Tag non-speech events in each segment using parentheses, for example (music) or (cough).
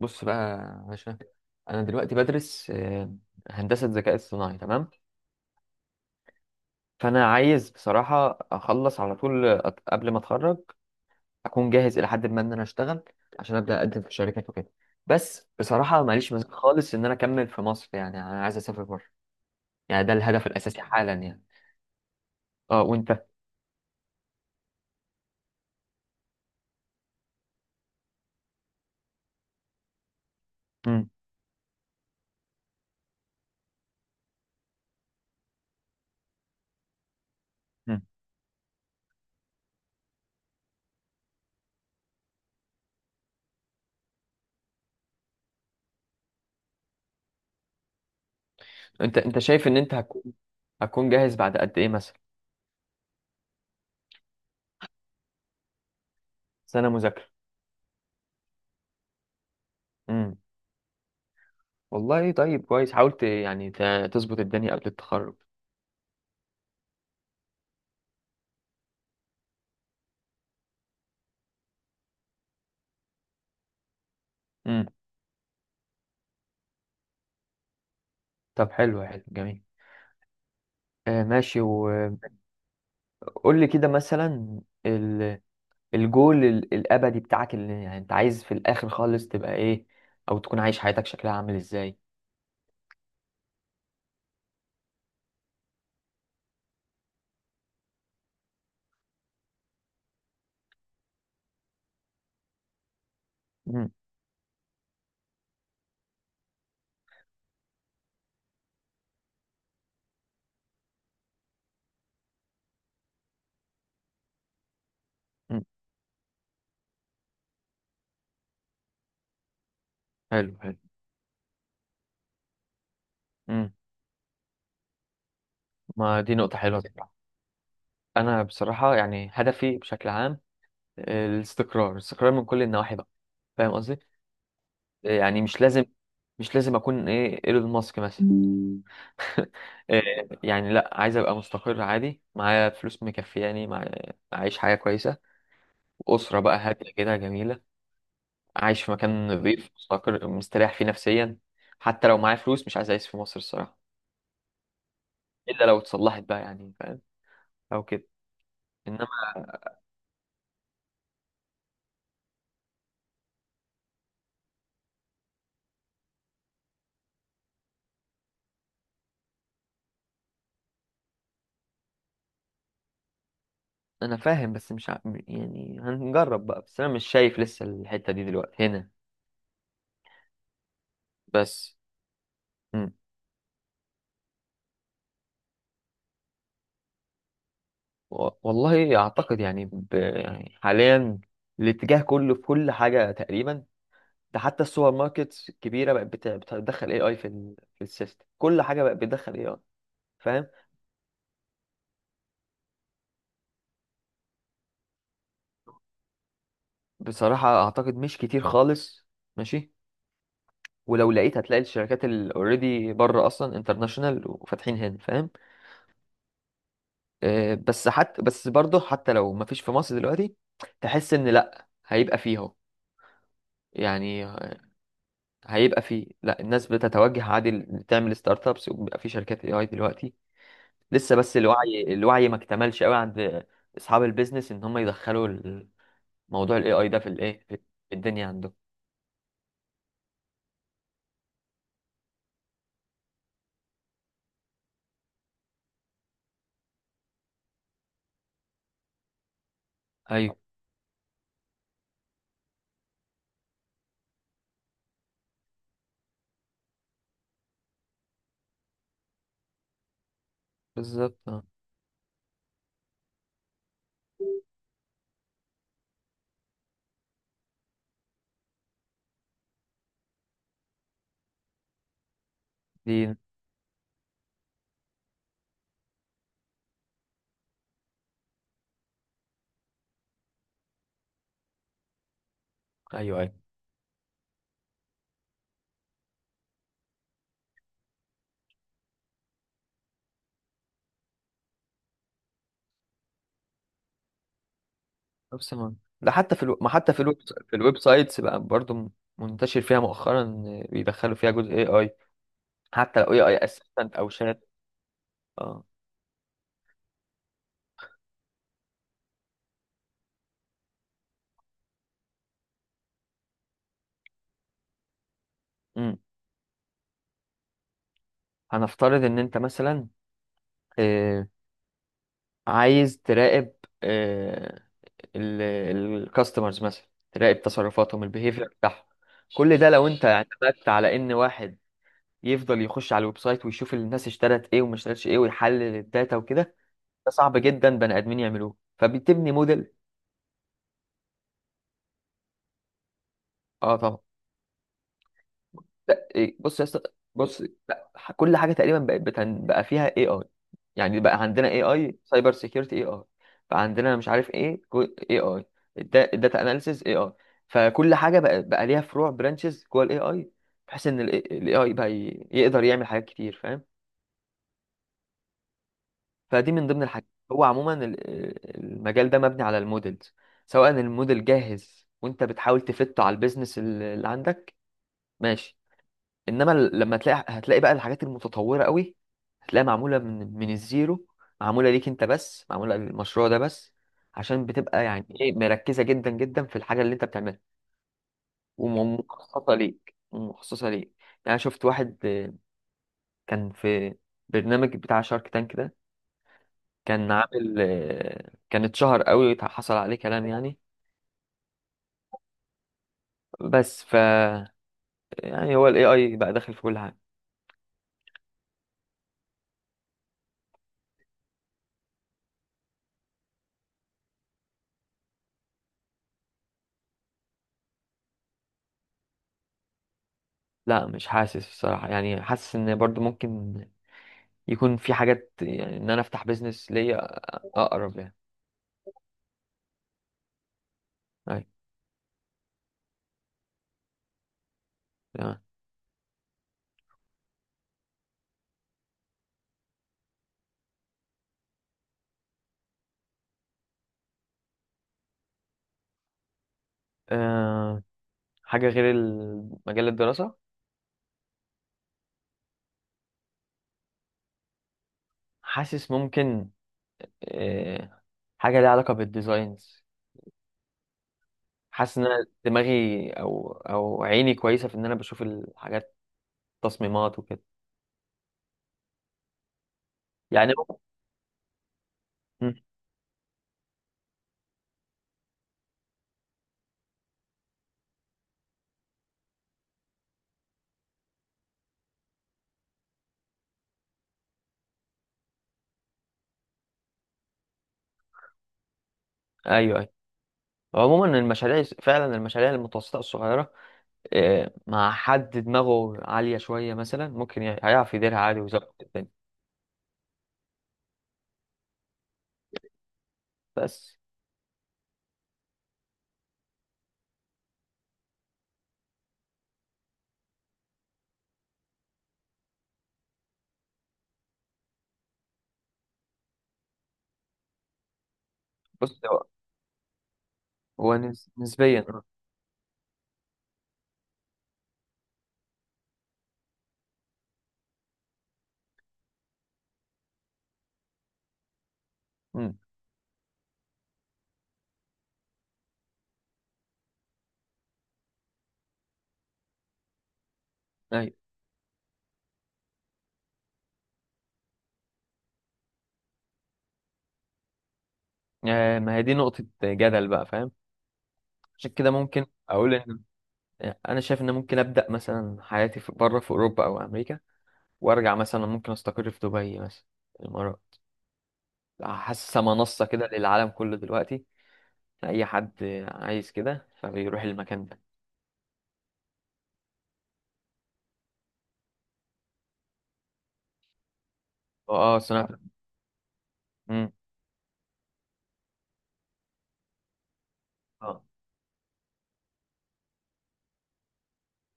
بص بقى يا باشا. انا دلوقتي بدرس هندسه ذكاء اصطناعي. تمام. فانا عايز بصراحه اخلص على طول قبل ما اتخرج، اكون جاهز الى حد ما ان انا اشتغل، عشان ابدا اقدم في شركات وكده. بس بصراحه ماليش مزاج خالص ان انا اكمل في مصر، يعني انا عايز اسافر بره. يعني ده الهدف الاساسي حالا يعني. اه وانت؟ مم. مم. انت شايف ان انت هتكون جاهز بعد قد ايه مثلا؟ سنه مذاكره؟ امم. والله طيب، كويس حاولت يعني تظبط الدنيا قبل التخرج. طب حلو حلو جميل. ماشي، وقول لي كده مثلا، ال- الجول الابدي بتاعك، اللي يعني انت عايز في الاخر خالص تبقى ايه، او تكون عايش حياتك شكلها عامل ازاي؟ مم، مم، حلو حلو. مم، ما دي نقطة حلوة بصراحة. انا بصراحة يعني هدفي بشكل عام، الاستقرار، الاستقرار من كل النواحي بقى. فاهم قصدي؟ يعني مش لازم، مش لازم اكون ايه ايلون ماسك مثلا. (laughs) آه، يعني لا، عايز ابقى مستقر عادي، معايا فلوس مكفياني، اعيش حياة كويسة، أسرة بقى هادية كده جميلة، عايش في مكان نظيف مستقر مستريح فيه نفسيا. حتى لو معايا فلوس مش عايز أعيش في مصر الصراحة، إلا لو اتصلحت بقى، يعني فاهم، أو كده. إنما أنا فاهم بس مش ع... يعني هنجرب بقى، بس أنا مش شايف لسه الحتة دي دلوقتي هنا، بس. مم. والله أعتقد يعني، يعني حاليا الاتجاه كله في كل حاجة تقريبا. ده حتى السوبر ماركت الكبيرة بقت بتدخل AI في في السيستم، كل حاجة بقت بتدخل AI. فاهم. بصراحة أعتقد مش كتير خالص، ماشي، ولو لقيت هتلاقي الشركات اللي اوريدي بره اصلا انترناشونال وفاتحين هنا، فاهم. بس حتى بس برضه حتى لو ما فيش في مصر دلوقتي، تحس ان لا هيبقى فيه اهو. يعني هيبقى فيه، لا الناس بتتوجه عادي، تعمل ستارت ابس وبيبقى في شركات اي اي دلوقتي. لسه بس الوعي الوعي ما اكتملش قوي عند اصحاب البيزنس، ان هم يدخلوا موضوع الاي اي ده في الايه في الدنيا عندهم. ايوه بالظبط آه. دي ايوه أيوه، نفس المنطق ده حتى في الو... ما حتى في الويب، في الويب سايتس بقى برضو منتشر فيها مؤخرا، إن بيدخلوا فيها جزء اي اي، حتى لو اي اي اسيستنت او شات. اه. امم. هنفترض ان انت مثلا آه... عايز تراقب آه... الكاستمرز مثلا، تراقب تصرفاتهم البيهيفير بتاعهم. كل ده لو انت اعتمدت على ان واحد يفضل يخش على الويب سايت ويشوف الناس اشترت ايه وما اشترتش ايه، ويحلل الداتا وكده، ده صعب جدا بني ادمين يعملوه، فبتبني موديل. اه طبعا. لا إيه، بص يا اسطى بص. لا كل حاجه تقريبا بقت بقى فيها اي اي. يعني بقى عندنا اي اي سايبر سيكيورتي، اي اي بقى عندنا مش عارف ايه، اي اي الداتا اناليسيز، اي اي. فكل حاجه بقى ليها فروع برانشز جوه الاي اي، بحيث ان الاي اي بقى يقدر يعمل حاجات كتير، فاهم. فدي من ضمن الحاجات. هو عموما المجال ده مبني على المودلز. سواء الموديل جاهز وانت بتحاول تفته على البيزنس اللي عندك، ماشي، انما لما تلاقي، هتلاقي بقى الحاجات المتطوره قوي، هتلاقيها معموله من الزيرو، معموله ليك انت بس، معموله للمشروع ده بس، عشان بتبقى يعني ايه مركزه جدا جدا في الحاجه اللي انت بتعملها، ومخصصه ليك ومخصصه ليك. يعني أنا شفت واحد كان في برنامج بتاع شارك تانك ده، كان عامل كان اتشهر قوي، حصل عليه كلام يعني. بس ف يعني هو الاي اي بقى داخل في كل حاجه. لا مش حاسس الصراحه، يعني حاسس ان برضو ممكن يكون في حاجات، يعني ان انا افتح بيزنس ليا اقرب يعني. اي تمام. أه حاجه غير مجال الدراسه. حاسس ممكن، أه حاجه ليها علاقه بالديزاينز. حاسس ان أنا دماغي او عيني كويسه في ان انا بشوف الحاجات، تصميمات وكده، يعني. مم. ايوه ايوه، عموما المشاريع، فعلا المشاريع المتوسطه الصغيره، أه مع حد دماغه عاليه شويه مثلا، ممكن يعني هيعرف يديرها عادي ويظبط الدنيا، بس. بص هو نسبيا. امم. ايوه. ما هي دي نقطة جدل بقى، فاهم. عشان كده ممكن اقول ان انا شايف ان ممكن ابدا مثلا حياتي في بره، في اوروبا او امريكا، وارجع مثلا ممكن استقر في دبي مثلا، الامارات. حاسسها منصة كده للعالم كله دلوقتي، اي حد عايز كده فبيروح المكان ده. اه صناعة. امم. اه.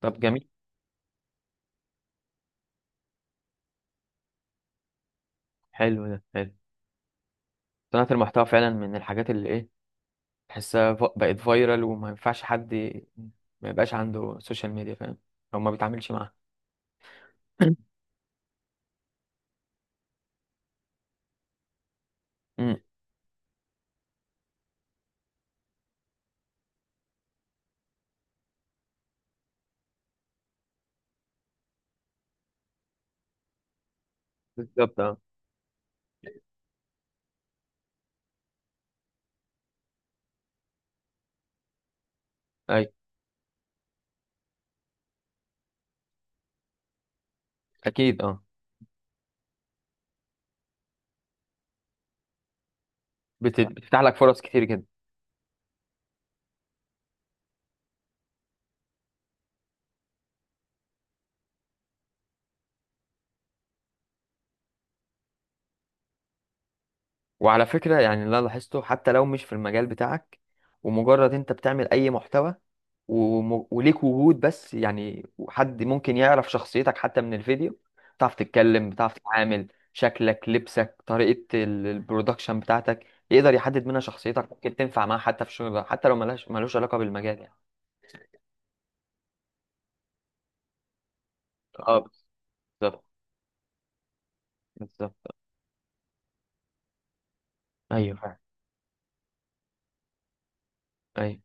طب جميل. حلو ده حلو، صناعة المحتوى فعلا من الحاجات اللي ايه، تحسها بقت فايرال، وما ينفعش حد ما يبقاش عنده سوشيال ميديا، فاهم، او ما بيتعاملش معاها. (clears throat) (laughs) بالظبط اه. اي اكيد اه، بتفتح لك فرص كتير جدا. وعلى فكره يعني اللي انا لاحظته حتى لو مش في المجال بتاعك، ومجرد انت بتعمل اي محتوى وليك وجود بس، يعني حد ممكن يعرف شخصيتك حتى من الفيديو، بتعرف تتكلم، بتعرف تتعامل، شكلك لبسك طريقه البرودكشن بتاعتك، يقدر يحدد منها شخصيتك، ممكن تنفع معاه حتى في شغل، حتى لو ملهاش ملوش علاقه بالمجال يعني. اه بالظبط بالظبط. ايوه فعلا. ايوه